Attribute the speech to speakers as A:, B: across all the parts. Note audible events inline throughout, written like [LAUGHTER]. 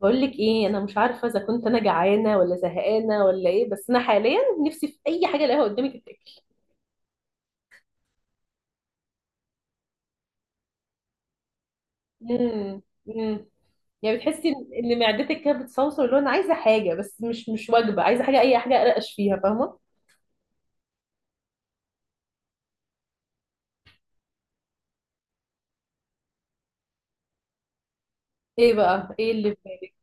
A: بقول لك ايه؟ انا مش عارفه اذا كنت انا جعانه ولا زهقانه ولا ايه، بس انا حاليا نفسي في اي حاجه الاقيها قدامي تتاكل. امم امم يعني بتحسي إن معدتك كده بتصوصو، اللي هو انا عايزه حاجه بس مش وجبه، عايزه حاجه، اي حاجه ارقش فيها، فاهمه؟ ايه بقى، ايه اللي في بالك؟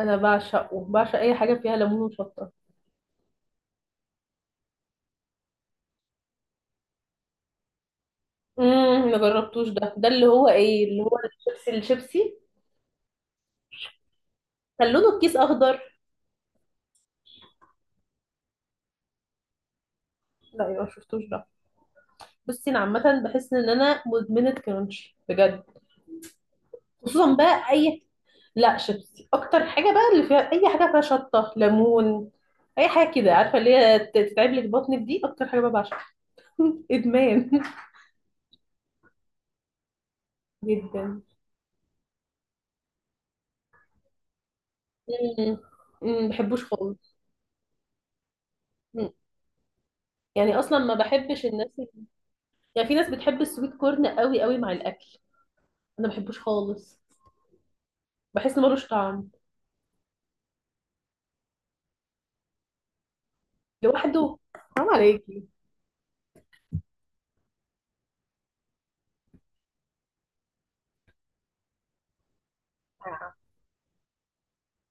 A: انا بعشقه، بعشق اي حاجه فيها ليمون وشطه. ما جربتوش ده، اللي هو ايه، اللي هو الشيبسي الشيبسي كان لونه الكيس اخضر؟ لا، يبقى ما شفتوش ده. بصي، انا عامه بحس ان انا مدمنه كرانشي بجد. خصوصا بقى اي... لا، شيبسي اكتر حاجه، بقى اللي فيها اي حاجه فيها شطه ليمون. اي حاجه كده عارفه اللي هي تتعب لك بطنك، دي اكتر حاجه بقى بعشقها. ادمان [LAUGHS] جدا. مم. مم، بحبوش خالص. مم. يعني اصلا ما بحبش الناس، يعني في ناس بتحب السويت كورن قوي قوي مع الاكل. انا ما بحبوش خالص، بحس انه ملوش طعم. لوحده. حرام عليكي.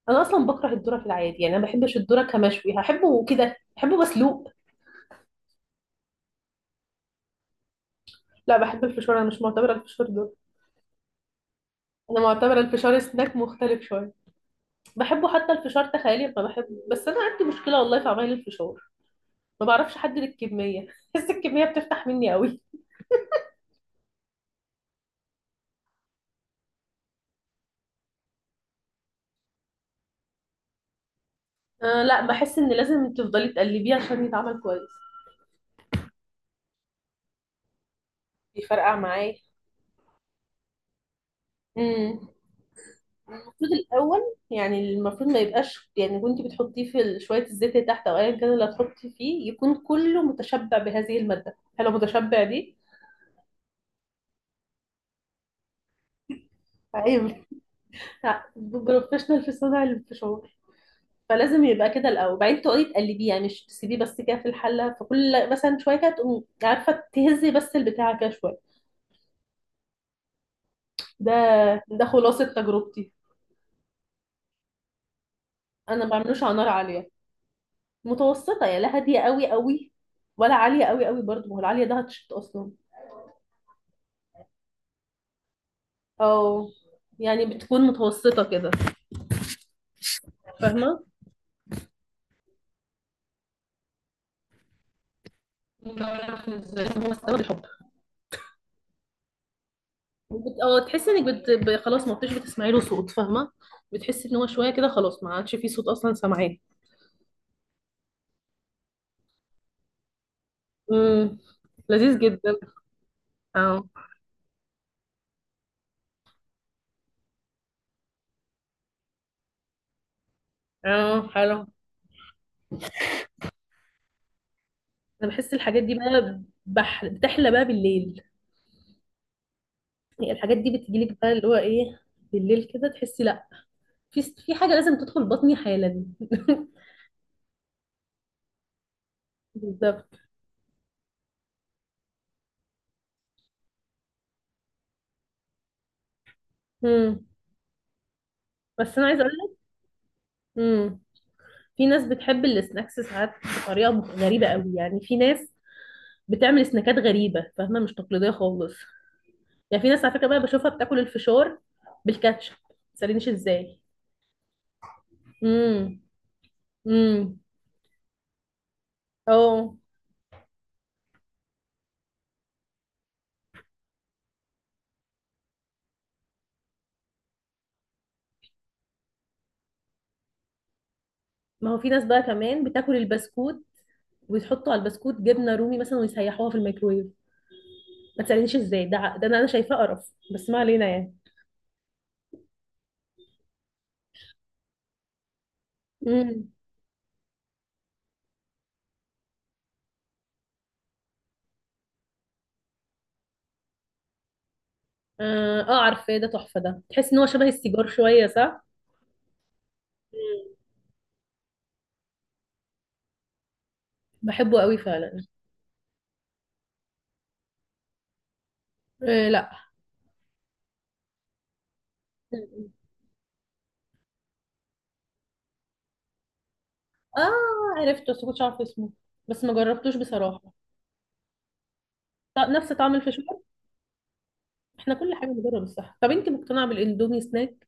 A: انا اصلا بكره الذره في العادي، يعني انا ما بحبش الذره كمشوي، هحبه كده بحبه مسلوق. لا، بحب الفشار، انا مش معتبره الفشار ذره. انا معتبره الفشار سناك مختلف شويه. بحبه، حتى الفشار تخيلي ما بحبه، بس انا عندي مشكله والله في عمايل الفشار. ما بعرفش احدد الكميه [LAUGHS] بحس الكميه بتفتح مني قوي. آه لا، بحس ان لازم تفضلي تقلبيه عشان يتعمل كويس. بيفرقع معايا. امم المفروض الاول، يعني المفروض ما يبقاش، يعني وانت بتحطيه في شويه الزيت اللي تحت، او ايا كان اللي هتحطي فيه يكون كله متشبع بهذه الماده، هل هو متشبع دي. عيب. [LAUGHS] بروفيشنال في صنع الفشار. فلازم يبقى كده الاول، بعدين تقعدي تقلبيه، يعني مش تسيبيه بس كده في الحله، فكل مثلا شويه كده تقومي عارفه تهزي بس البتاع كده شويه. ده ده خلاصه تجربتي. انا ما بعملوش على نار عاليه. متوسطه يعني، لا هاديه قوي قوي ولا عاليه قوي قوي برضه، ما هو العاليه ده هتشط اصلا. او يعني بتكون متوسطه كده، فاهمه؟ بعرف ازاي هو استوى بالحب. اه تحسي انك خلاص ما بتش بتسمعي له صوت، فاهمه؟ بتحسي ان هو شويه كده خلاص ما عادش فيه صوت اصلا سامعاه. امم لذيذ جدا. اه. اه حلو. انا بحس الحاجات دي بقى بتحلى بقى بالليل. يعني الحاجات دي بتجيلك بقى اللي هو ايه، بالليل كده تحسي لا، في في حاجه لازم تدخل بطني حالا [LAUGHS] بالظبط. امم بس انا عايزه اقول لك. امم في ناس بتحب السناكس ساعات بطريقه غريبه قوي، يعني في ناس بتعمل سناكات غريبه، فاهمه؟ مش تقليديه خالص. يعني في ناس على فكره بقى بشوفها بتاكل الفشار بالكاتشب، ما تسالنيش ازاي. امم امم اه، ما هو في ناس بقى كمان بتاكل البسكوت ويحطوا على البسكوت جبنه رومي مثلا ويسيحوها في الميكرويف، ما تسالنيش ازاي. ده أنا شايفاه قرف، بس ما علينا يعني. امم اه. آه، عارفاه، ده تحفه، ده تحس ان هو شبه السيجار شويه، صح؟ مم. بحبه قوي فعلا. آه لا. مم. اه عرفته بس كنتش عارفه اسمه، بس ما جربتوش بصراحه. نفس طعم الفشار. احنا كل حاجه بنجرب الصح، طب انت مقتنعه بالاندومي سناك؟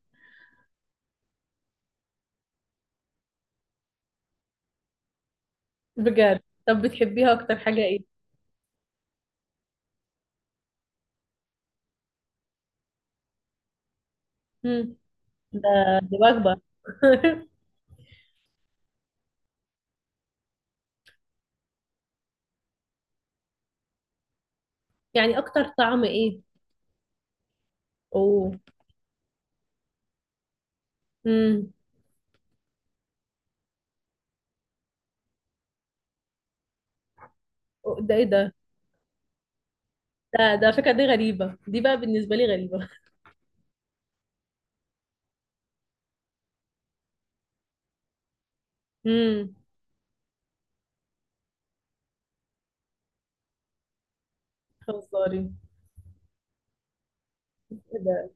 A: بجد؟ طب بتحبيها اكتر حاجه ايه؟ امم ده، دي وجبه [LAUGHS] يعني اكتر طعم ايه؟ اوه. امم أوه، ده ايه ده؟ فكرة دي غريبة، دي بقى بالنسبة لي غريبة. امم خساري. إيه ده؟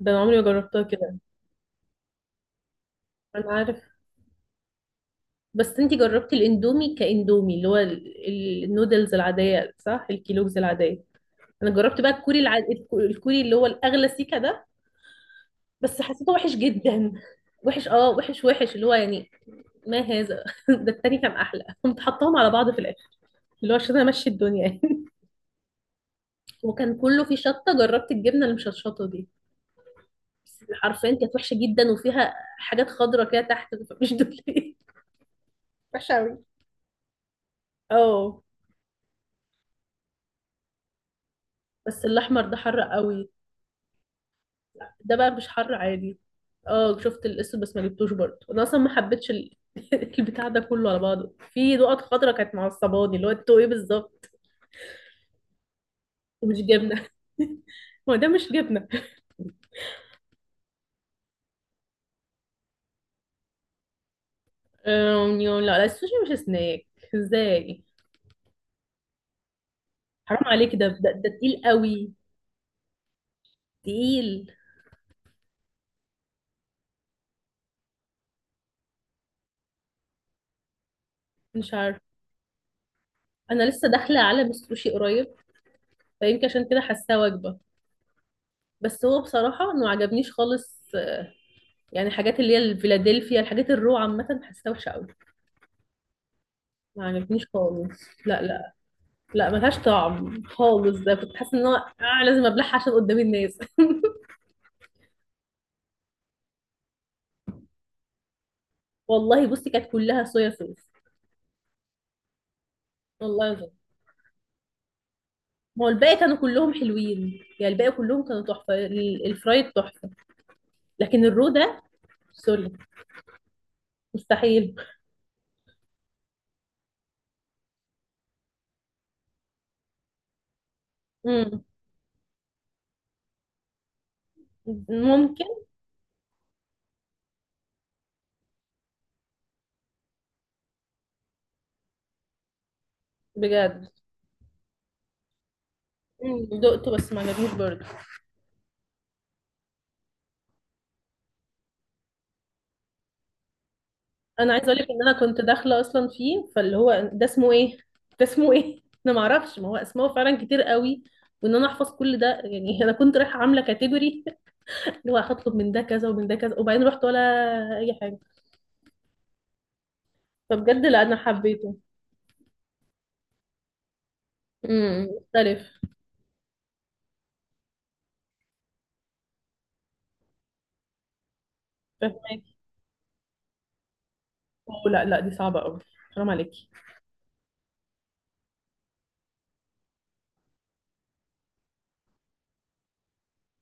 A: ده انا عمري ما جربتها كده. انا عارف. بس انتي جربتي الاندومي كاندومي اللي هو النودلز العادية، صح؟ الكيلوجز العادية. انا جربت بقى الكوري الكوري اللي هو الاغلى، سيكا ده. بس حسيته وحش جدا. وحش اه، وحش وحش اللي هو يعني، ما هذا [LAUGHS] ده التاني كان احلى، كنت حطاهم على بعض في الاخر اللي هو عشان امشي الدنيا يعني. وكان كله فيه شطة، جربت الجبنة المشطشطة دي. بس حرفيا كانت وحشة جدا، وفيها حاجات خضرة كده تحت، مش دول ايه؟ وحشة أوي. اه. بس الأحمر ده حر قوي. ده بقى مش حر عادي. اه شفت الاسود، بس ما جبتوش برضه، انا اصلا ما حبيتش ال... [LAUGHS] البتاع ده كله على بعضه في نقط خضرة كانت معصباني اللي هو انتوا ايه بالظبط؟ مش جبنة [LAUGHS] هو ده مش جبنة. لا لا، السوشي مش سناك. ازاي؟ حرام عليك، ده تقيل قوي. تقيل. مش عارف. انا لسه داخله عالم السوشي قريب، فيمكن عشان كده حاساه وجبه. بس هو بصراحه ما عجبنيش خالص. يعني الحاجات اللي هي الفيلادلفيا، الحاجات الرو، عامه حاساها وحشه قوي، ما عجبنيش خالص. لا لا. لا ملهاش طعم خالص، ده كنت حاسه ان هو آه لازم ابلعها عشان قدام الناس [LAUGHS] والله بصي كانت كلها صويا صوص. والله العظيم. ما هو الباقي كانوا كلهم حلوين يعني، الباقي كلهم كانوا تحفه، الفرايد تحفه. لكن الرو ده سوري، مستحيل. امم ممكن. بجد. دقته بس ما عجبنيش برضه. انا عايزه اقول لك ان انا كنت داخله اصلا فيه، فاللي هو ده اسمه ايه [LAUGHS] ده اسمه ايه؟ انا ما اعرفش، ما هو اسمائه فعلا كتير قوي، وان انا احفظ كل ده يعني [LAUGHS] انا كنت رايحه عامله كاتيجوري [LAUGHS] اللي هو هطلب من ده كذا ومن ده كذا، وبعدين رحت ولا اي حاجه. فبجد لا انا حبيته. مختلف. فهمك. لا لا دي صعبه قوي. حرام عليكي.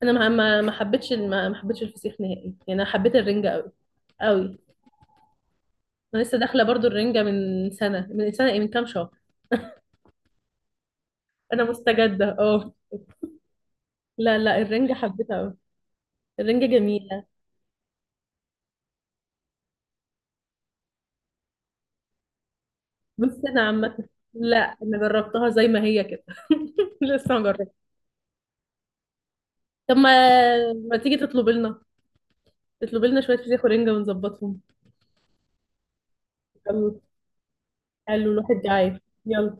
A: انا ما ما ما حبيتش، ما ما حبيتش الفسيخ نهائي. يعني انا حبيت الرنجه قوي قوي. انا لسه داخله برضو الرنجه من سنه، ايه، من كام شهر. انا مستجده اه. لا لا، الرنجة حبيتها قوي. الرنجة جميلة. بص انا عامة لا، انا جربتها زي ما هي كده [LAUGHS] لسه ما جربت. طب ما، ما تيجي تطلب لنا، تطلب لنا شوية فسيخ ورنجة ونظبطهم. يلا. حلو، الواحد جعان. يلا.